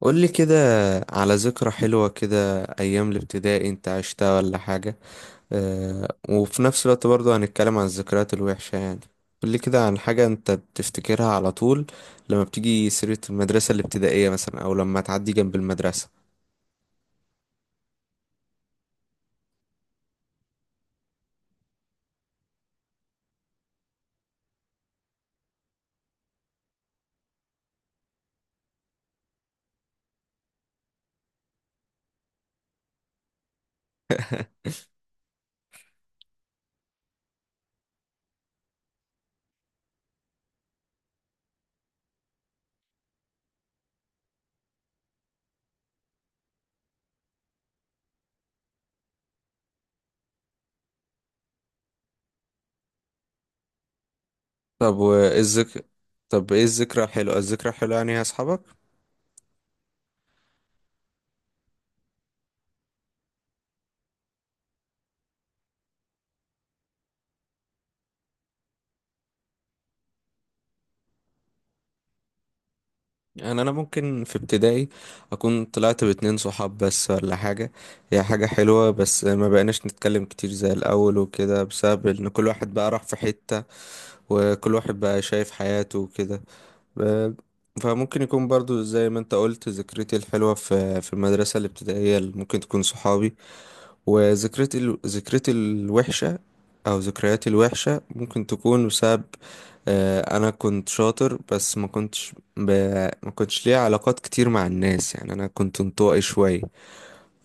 قولي كده. على ذكرى حلوة كده أيام الابتدائي أنت عشتها ولا حاجة؟ أه، وفي نفس الوقت برضو هنتكلم عن الذكريات الوحشة يعني. قولي كده عن حاجة أنت بتفتكرها على طول لما بتيجي سيرة المدرسة الابتدائية مثلا، أو لما تعدي جنب المدرسة. طب وإيه الذك... طب إيه الذكرى الحلوة، يعني يا أصحابك؟ يعني انا ممكن في ابتدائي اكون طلعت باتنين صحاب بس ولا حاجة. هي حاجة حلوة، بس ما بقيناش نتكلم كتير زي الاول وكده بسبب ان كل واحد بقى راح في حتة، وكل واحد بقى شايف حياته وكده. ب- فممكن يكون برضو زي ما انت قلت ذكريتي الحلوة في المدرسة الابتدائية اللي ممكن تكون صحابي. ذكرتي الوحشة أو ذكرياتي الوحشة ممكن تكون بسبب أنا كنت شاطر بس ما كنتش ليا علاقات كتير مع الناس. يعني أنا كنت انطوائي شوية،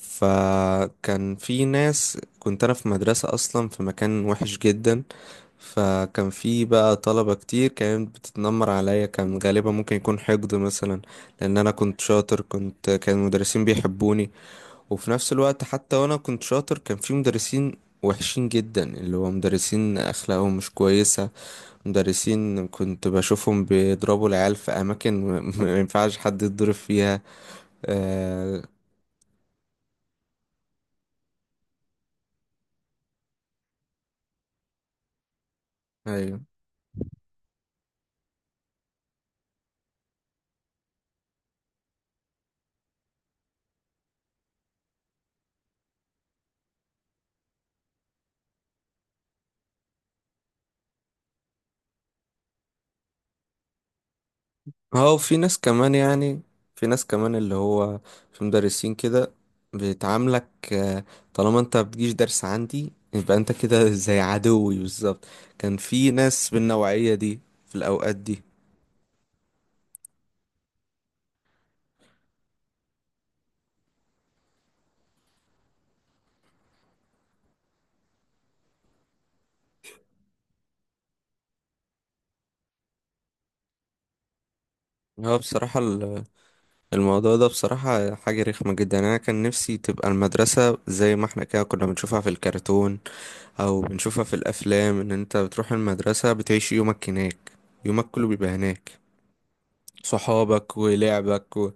فكان في ناس، كنت أنا في مدرسة أصلا في مكان وحش جدا، فكان في بقى طلبة كتير كانت بتتنمر عليا. كان غالبا ممكن يكون حقد مثلا، لأن أنا كنت شاطر، كان المدرسين بيحبوني. وفي نفس الوقت حتى وانا كنت شاطر كان في مدرسين وحشين جدا، اللي هو مدرسين اخلاقهم مش كويسة. مدرسين كنت بشوفهم بيضربوا العيال في اماكن ما ينفعش حد يتضرب فيها. آه. ايوه. هو في ناس كمان يعني، في ناس كمان اللي هو في مدرسين كده بيتعاملك، طالما انت بتجيش درس عندي يبقى انت كده زي عدوي بالظبط. كان في ناس بالنوعية دي في الاوقات دي. هو بصراحة الموضوع ده بصراحة حاجة رخمة جدا. يعني أنا كان نفسي تبقى المدرسة زي ما احنا كده كنا بنشوفها في الكرتون أو بنشوفها في الأفلام، إن أنت بتروح المدرسة بتعيش يومك هناك. يومك كله بيبقى هناك، صحابك ولعبك و...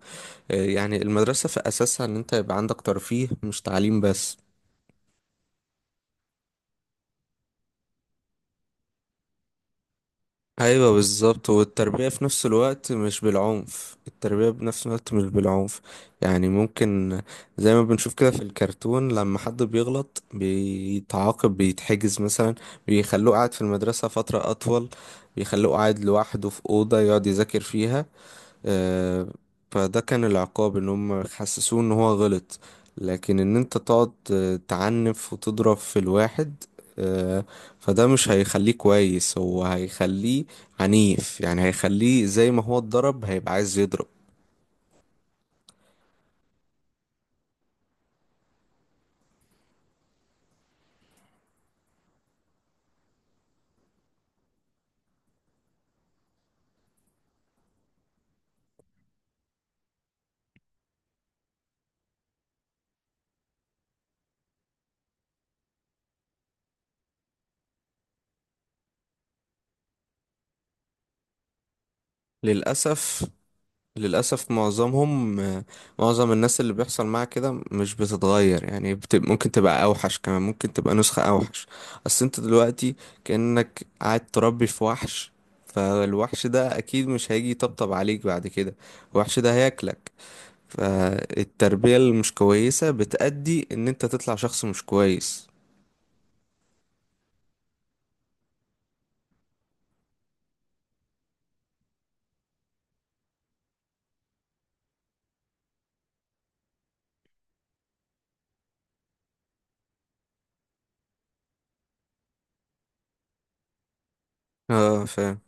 يعني المدرسة في أساسها إن أنت يبقى عندك ترفيه مش تعليم بس. ايوه بالظبط، والتربية في نفس الوقت مش بالعنف، التربية بنفس الوقت مش بالعنف. يعني ممكن زي ما بنشوف كده في الكرتون لما حد بيغلط بيتعاقب بيتحجز مثلا، بيخلوه قاعد في المدرسة فترة اطول، بيخلوه قاعد لوحده في أوضة يقعد يذاكر فيها. آه، فده كان العقاب، ان هم حسسوه ان هو غلط. لكن ان انت تقعد تعنف وتضرب في الواحد، آه، فده مش هيخليه كويس، هو هيخليه عنيف. يعني هيخليه زي ما هو اتضرب هيبقى عايز يضرب. للأسف. للأسف معظمهم، معظم الناس اللي بيحصل معاها كده مش بتتغير. يعني ممكن تبقى أوحش كمان، ممكن تبقى نسخة أوحش. أصل أنت دلوقتي كأنك قاعد تربي في وحش، فالوحش ده أكيد مش هيجي يطبطب عليك بعد كده، الوحش ده هياكلك. فالتربية المش كويسة بتأدي إن أنت تطلع شخص مش كويس. اه فاهم.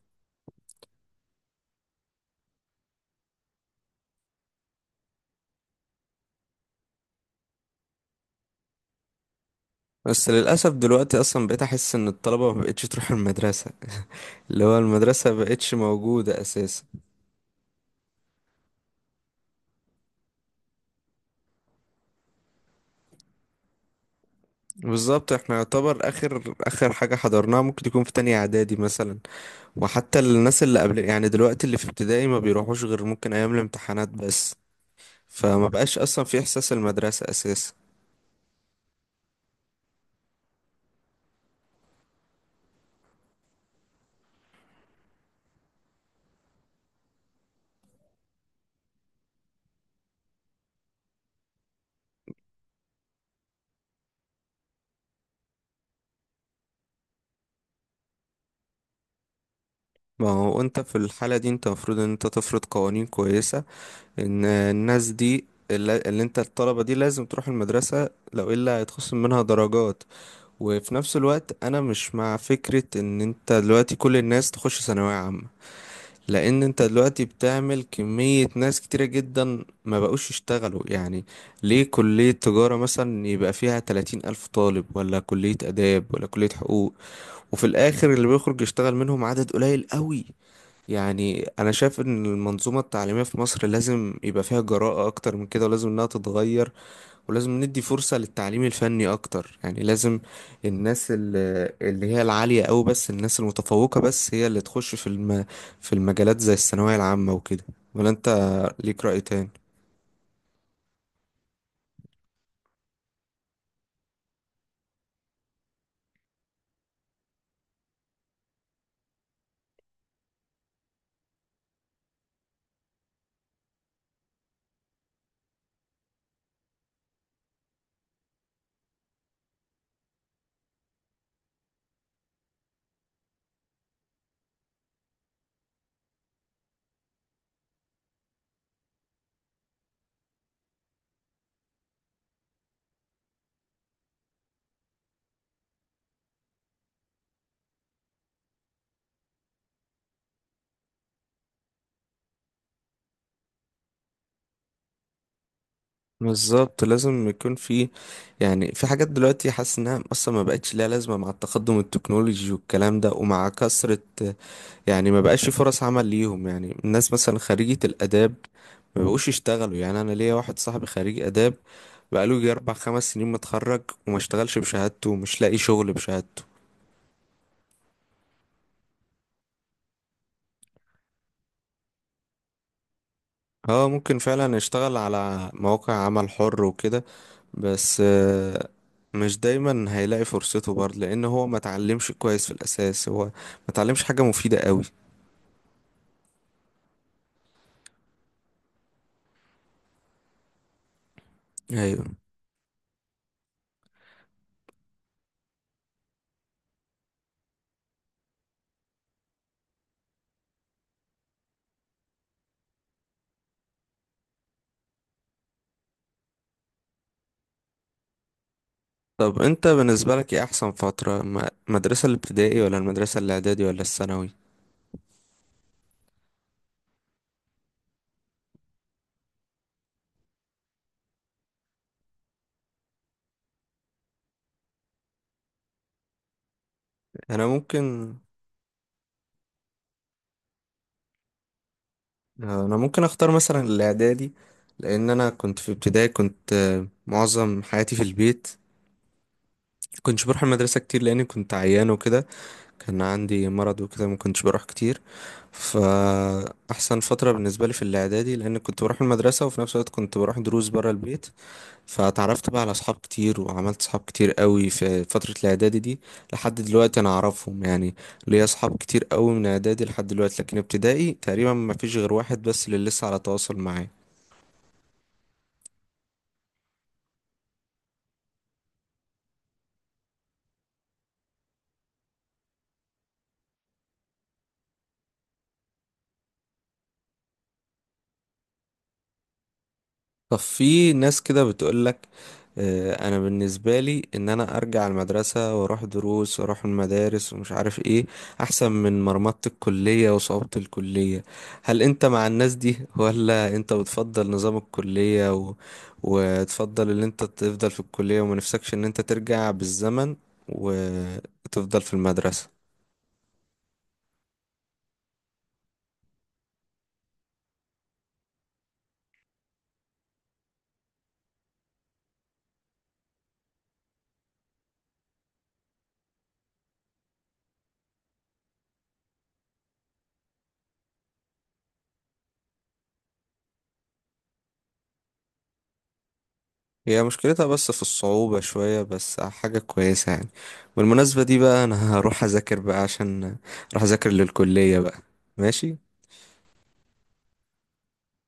بس للأسف دلوقتي أصلا بقيت أحس إن الطلبة مبقتش تروح المدرسة، اللي هو المدرسة مبقتش موجودة أساسا. بالظبط، احنا يعتبر اخر اخر حاجة حضرناها ممكن تكون في تانية اعدادي مثلا. وحتى الناس اللي قبل يعني دلوقتي اللي في ابتدائي ما بيروحوش غير ممكن ايام الامتحانات بس. فما بقاش اصلا في احساس المدرسة اساسا. ما هو انت في الحالة دي انت المفروض ان انت تفرض قوانين كويسة، ان الناس دي اللي انت الطلبة دي لازم تروح المدرسة، لو الا هيتخصم منها درجات. وفي نفس الوقت انا مش مع فكرة ان انت دلوقتي كل الناس تخش ثانوية عامة، لان انت دلوقتي بتعمل كمية ناس كتيرة جدا ما بقوش يشتغلوا يعني. ليه كلية تجارة مثلا يبقى فيها 30,000 طالب، ولا كلية اداب، ولا كلية حقوق، وفي الاخر اللي بيخرج يشتغل منهم عدد قليل قوي. يعني انا شايف ان المنظومة التعليمية في مصر لازم يبقى فيها جراءة اكتر من كده، ولازم انها تتغير، ولازم ندي فرصة للتعليم الفني أكتر. يعني لازم الناس ال- اللي هي العالية أوي، بس الناس المتفوقة بس هي اللي تخش في المجالات زي الثانوية العامة وكده. ولا أنت ليك رأي تاني؟ بالظبط، لازم يكون في. يعني في حاجات دلوقتي حاسس انها اصلا ما بقتش ليها لازمه مع التقدم التكنولوجي والكلام ده ومع كثره. يعني ما بقاش في فرص عمل ليهم. يعني الناس مثلا خريجة الآداب ما بقوش يشتغلوا. يعني أنا ليا واحد صاحبي خريج آداب بقاله يجي أربع خمس سنين متخرج وما اشتغلش بشهادته ومش لاقي شغل بشهادته. اه ممكن فعلا يشتغل على مواقع عمل حر وكده، بس مش دايما هيلاقي فرصته برضه لأن هو ما اتعلمش كويس في الأساس، هو ما اتعلمش حاجة مفيدة قوي. ايوه. طب انت بالنسبة لك ايه احسن فترة، المدرسة الابتدائي ولا المدرسة الاعدادي ولا الثانوي؟ انا ممكن انا ممكن اختار مثلا الاعدادي، لان انا كنت في ابتدائي كنت معظم حياتي في البيت. كنتش بروح المدرسة كتير لاني كنت عيان وكده، كان عندي مرض وكده ما كنتش بروح كتير. فاحسن فترة بالنسبة لي في الاعدادي، لان كنت بروح المدرسة وفي نفس الوقت كنت بروح دروس برا البيت. فتعرفت بقى على اصحاب كتير وعملت اصحاب كتير قوي في فترة الاعدادي دي لحد دلوقتي انا اعرفهم يعني. ليا اصحاب كتير قوي من اعدادي لحد دلوقتي، لكن ابتدائي تقريبا ما فيش غير واحد بس اللي لسه على تواصل معاه. طب في ناس كده بتقولك انا بالنسبه لي ان انا ارجع المدرسه واروح دروس واروح المدارس ومش عارف ايه، احسن من مرمطه الكليه وصعوبه الكليه. هل انت مع الناس دي ولا انت بتفضل نظام الكليه و... وتفضل ان انت تفضل في الكليه وما نفسكش ان انت ترجع بالزمن وتفضل في المدرسه؟ هي مشكلتها بس في الصعوبة شوية بس حاجة كويسة يعني. بالمناسبة دي بقى أنا هروح أذاكر بقى عشان أروح أذاكر للكلية بقى. ماشي.